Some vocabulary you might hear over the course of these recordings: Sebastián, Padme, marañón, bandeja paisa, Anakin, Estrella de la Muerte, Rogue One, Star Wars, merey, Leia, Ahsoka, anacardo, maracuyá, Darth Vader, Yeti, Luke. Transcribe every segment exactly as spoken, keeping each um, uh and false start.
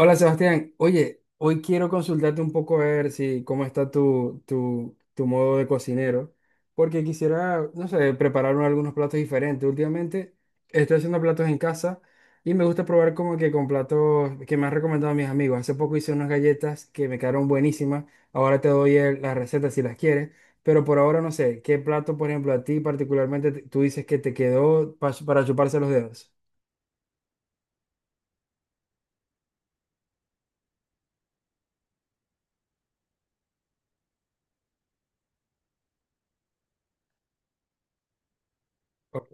Hola Sebastián, oye, hoy quiero consultarte un poco a ver si cómo está tu, tu, tu modo de cocinero, porque quisiera, no sé, preparar algunos platos diferentes. Últimamente estoy haciendo platos en casa y me gusta probar como que con platos que me han recomendado mis amigos. Hace poco hice unas galletas que me quedaron buenísimas. Ahora te doy el- las recetas si las quieres, pero por ahora no sé, ¿qué plato, por ejemplo, a ti particularmente te- tú dices que te quedó pa- para chuparse los dedos? Ok.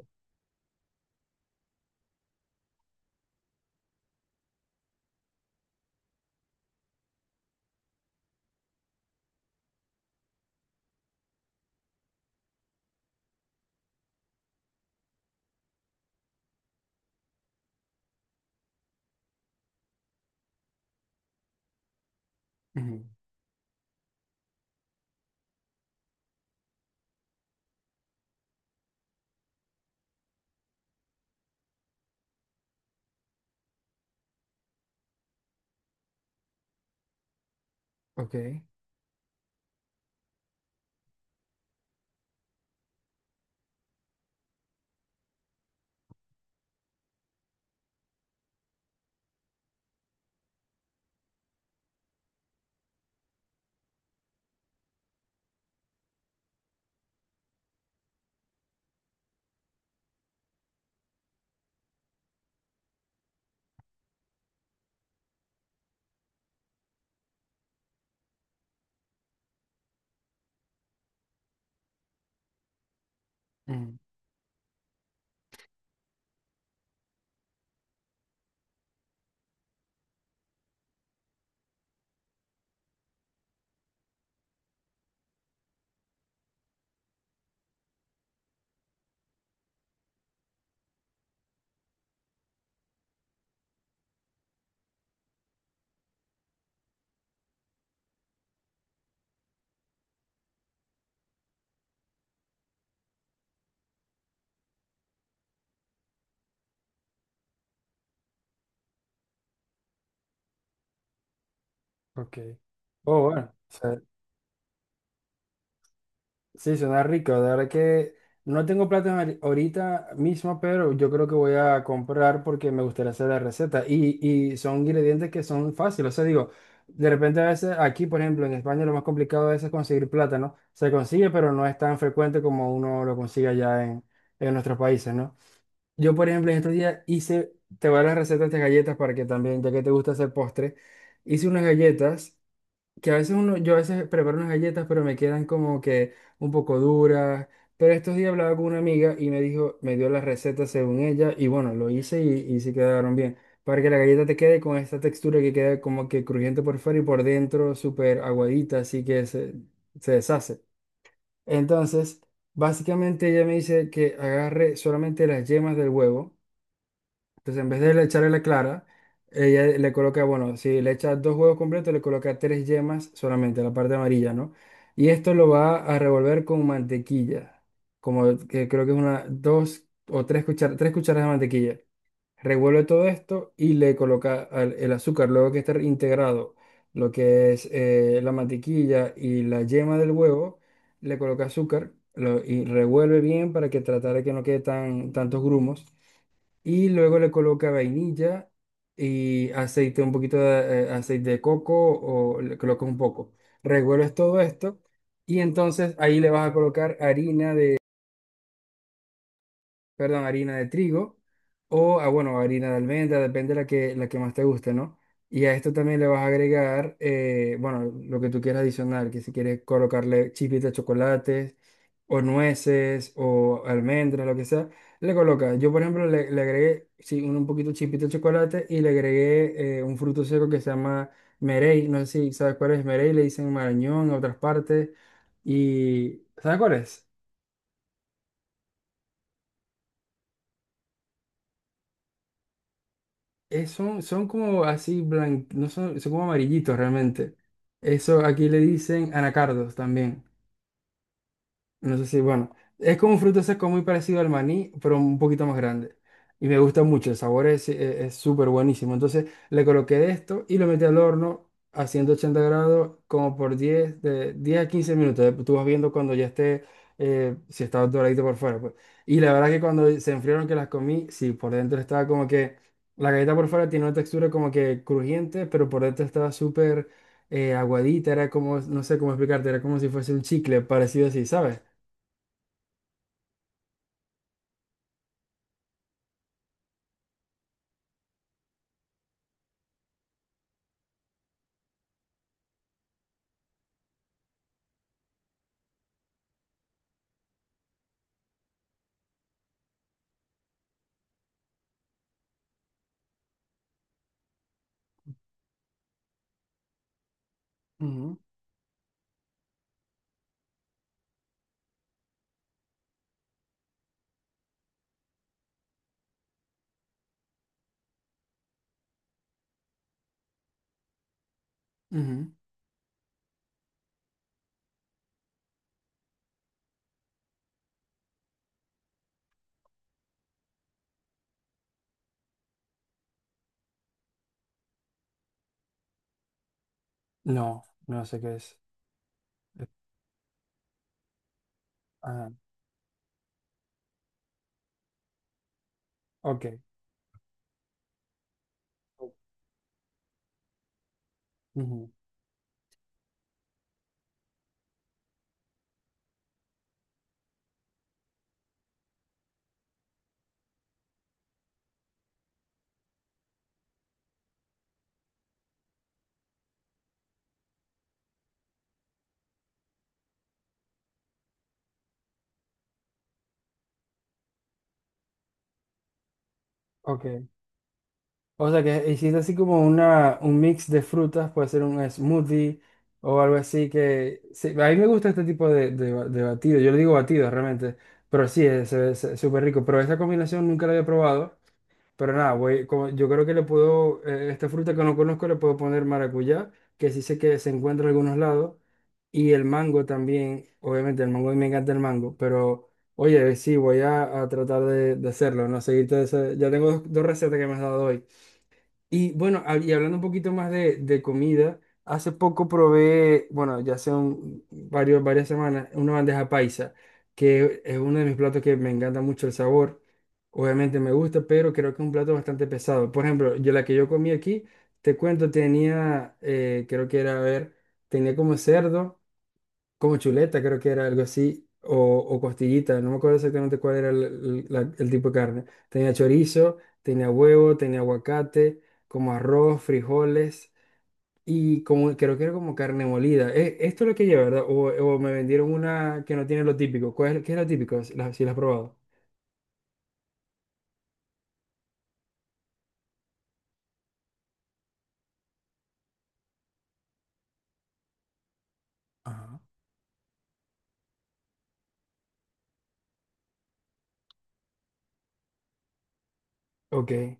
Ujú, ok. Ok. Oh, bueno. o Sí, suena rico. De verdad que no tengo plátano ahori- ahorita mismo, pero yo creo que voy a comprar porque me gustaría hacer la receta. Y, y son ingredientes que son fáciles. O sea, digo, de repente a veces aquí, por ejemplo, en España lo más complicado a veces es conseguir plátano. Se consigue, pero no es tan frecuente como uno lo consigue allá en, en nuestros países, ¿no? Yo, por ejemplo, en estos días hice, te voy a dar la receta de estas galletas para que también, ya que te gusta hacer postre, hice unas galletas. Que a veces uno, yo a veces preparo unas galletas, pero me quedan como que un poco duras. Pero estos días hablaba con una amiga y me dijo, me dio la receta según ella, y bueno, lo hice y, y sí quedaron bien. Para que la galleta te quede con esta textura que queda como que crujiente por fuera y por dentro súper aguadita, así que se, se deshace. Entonces, básicamente ella me dice que agarre solamente las yemas del huevo entonces, en vez de le echarle la clara, ella le coloca, bueno, si le echa dos huevos completos, le coloca tres yemas solamente, la parte amarilla, ¿no? Y esto lo va a revolver con mantequilla, como que creo que es una, dos o tres cucharadas, tres cucharadas de mantequilla. Revuelve todo esto y le coloca al- el azúcar, luego que esté integrado lo que es eh, la mantequilla y la yema del huevo, le coloca azúcar lo- y revuelve bien para que tratar de que no quede tan, tantos grumos y luego le coloca vainilla y aceite, un poquito de eh, aceite de coco o le colocas un poco. Revuelves todo esto y entonces ahí le vas a colocar harina, perdón, harina de trigo o, ah, bueno, harina de almendra, depende la que, la que más te guste, ¿no? Y a esto también le vas a agregar, eh, bueno, lo que tú quieras adicionar, que si quieres colocarle chispitas de chocolate o nueces o almendras, lo que sea, le colocas. Yo, por ejemplo, le, le agregué, sí, un, un poquito chispita de chocolate y le agregué eh, un fruto seco que se llama merey, no sé si sabes cuál es merey, le dicen marañón en otras partes y ¿sabes cuál es? Eh, son, son como así blancos, no son, son como amarillitos realmente. Eso aquí le dicen anacardos también. No sé si, bueno, es como un fruto seco muy parecido al maní, pero un poquito más grande. Y me gusta mucho, el sabor es eh, es súper buenísimo. Entonces le coloqué esto y lo metí al horno a ciento ochenta grados como por diez de diez a quince minutos. Eh, Tú vas viendo cuando ya esté, eh, si está doradito por fuera, pues. Y la verdad que cuando se enfriaron que las comí, sí, por dentro estaba como que, la galleta por fuera tiene una textura como que crujiente, pero por dentro estaba súper eh, aguadita, era como, no sé cómo explicarte, era como si fuese un chicle parecido así, ¿sabes? Ujú, ujú. No, no sé qué es. Eh, Ajá, ok. Ujú, ok. O sea que hiciste así como una, un mix de frutas, puede ser un smoothie o algo así que... sí, a mí me gusta este tipo de, de, de batido, yo le digo batido realmente, pero sí, es es- es súper rico, pero esta combinación nunca la había probado. Pero nada, voy, como- yo creo que le puedo, eh, esta fruta que no conozco le puedo poner maracuyá, que sí sé que se encuentra en algunos lados, y el mango también, obviamente el mango, me encanta el mango, pero oye, sí, voy a, a tratar de, de hacerlo, ¿no? Seguirte, ese- ya tengo dos, dos recetas que me has dado hoy. Y bueno, hab- y hablando un poquito más de, de comida, hace poco probé, bueno, ya hace un- varios, varias semanas, una bandeja paisa, que es uno de mis platos que me encanta mucho el sabor. Obviamente me gusta, pero creo que es un plato bastante pesado. Por ejemplo, yo la que yo comí aquí, te cuento, tenía, eh, creo que era, a ver, tenía como cerdo como chuleta, creo que era algo así, o, o costillita, no me acuerdo exactamente cuál era el, el- la- el tipo de carne. Tenía chorizo, tenía huevo, tenía aguacate, como arroz, frijoles y como, creo que era como carne molida. Eh, esto es lo que lleva, ¿verdad? O, o me vendieron una que no tiene lo típico. ¿Cuál es, qué es lo típico? Si la, si la has probado. Ajá. Ok.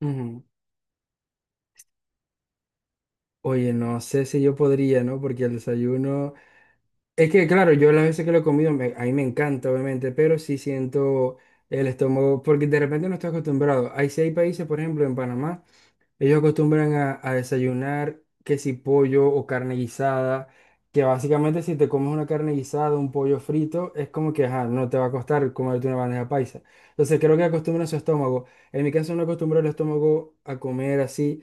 Ujú. Oye, no sé si yo podría, ¿no? Porque el desayuno... Es que, claro, yo las veces que lo he comido, me- a mí me encanta, obviamente, pero sí siento el estómago, porque de repente no estoy acostumbrado. Hay seis países, por ejemplo, en Panamá. Ellos acostumbran a, a desayunar que si pollo o carne guisada, que básicamente si te comes una carne guisada, un pollo frito, es como que ajá, no te va a costar comerte una bandeja paisa. Entonces creo que acostumbran su estómago. En mi caso no acostumbro el estómago a comer así.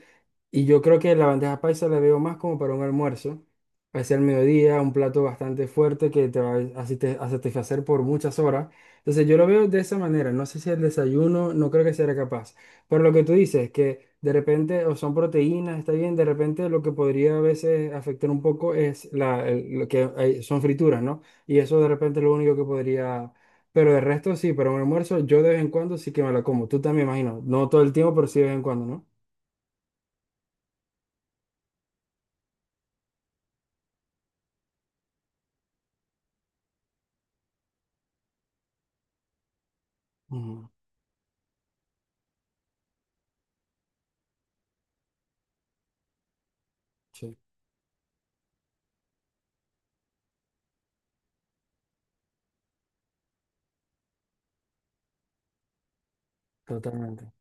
Y yo creo que la bandeja paisa la veo más como para un almuerzo, hacia el mediodía, un plato bastante fuerte que te va a sate- a satisfacer por muchas horas. Entonces yo lo veo de esa manera. No sé si el desayuno, no creo que sea capaz. Pero lo que tú dices, que de repente o son proteínas, está bien, de repente lo que podría a veces afectar un poco es la, el- lo que hay- son frituras, ¿no? Y eso de repente es lo único que podría... Pero de resto sí, pero un almuerzo yo de vez en cuando sí que me la como. Tú también, imagino. No todo el tiempo, pero sí de vez en cuando, ¿no? Ujú, sí, totalmente.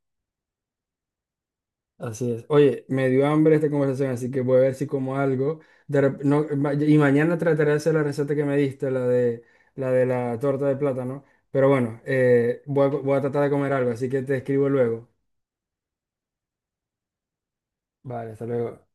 Así es. Oye, me dio hambre esta conversación, así que voy a ver si como algo. De rep- no, ma- y mañana trataré de hacer la receta que me diste, la de la, de la torta de plátano. Pero bueno, eh, voy a, voy a tratar de comer algo, así que te escribo luego. Vale, hasta luego.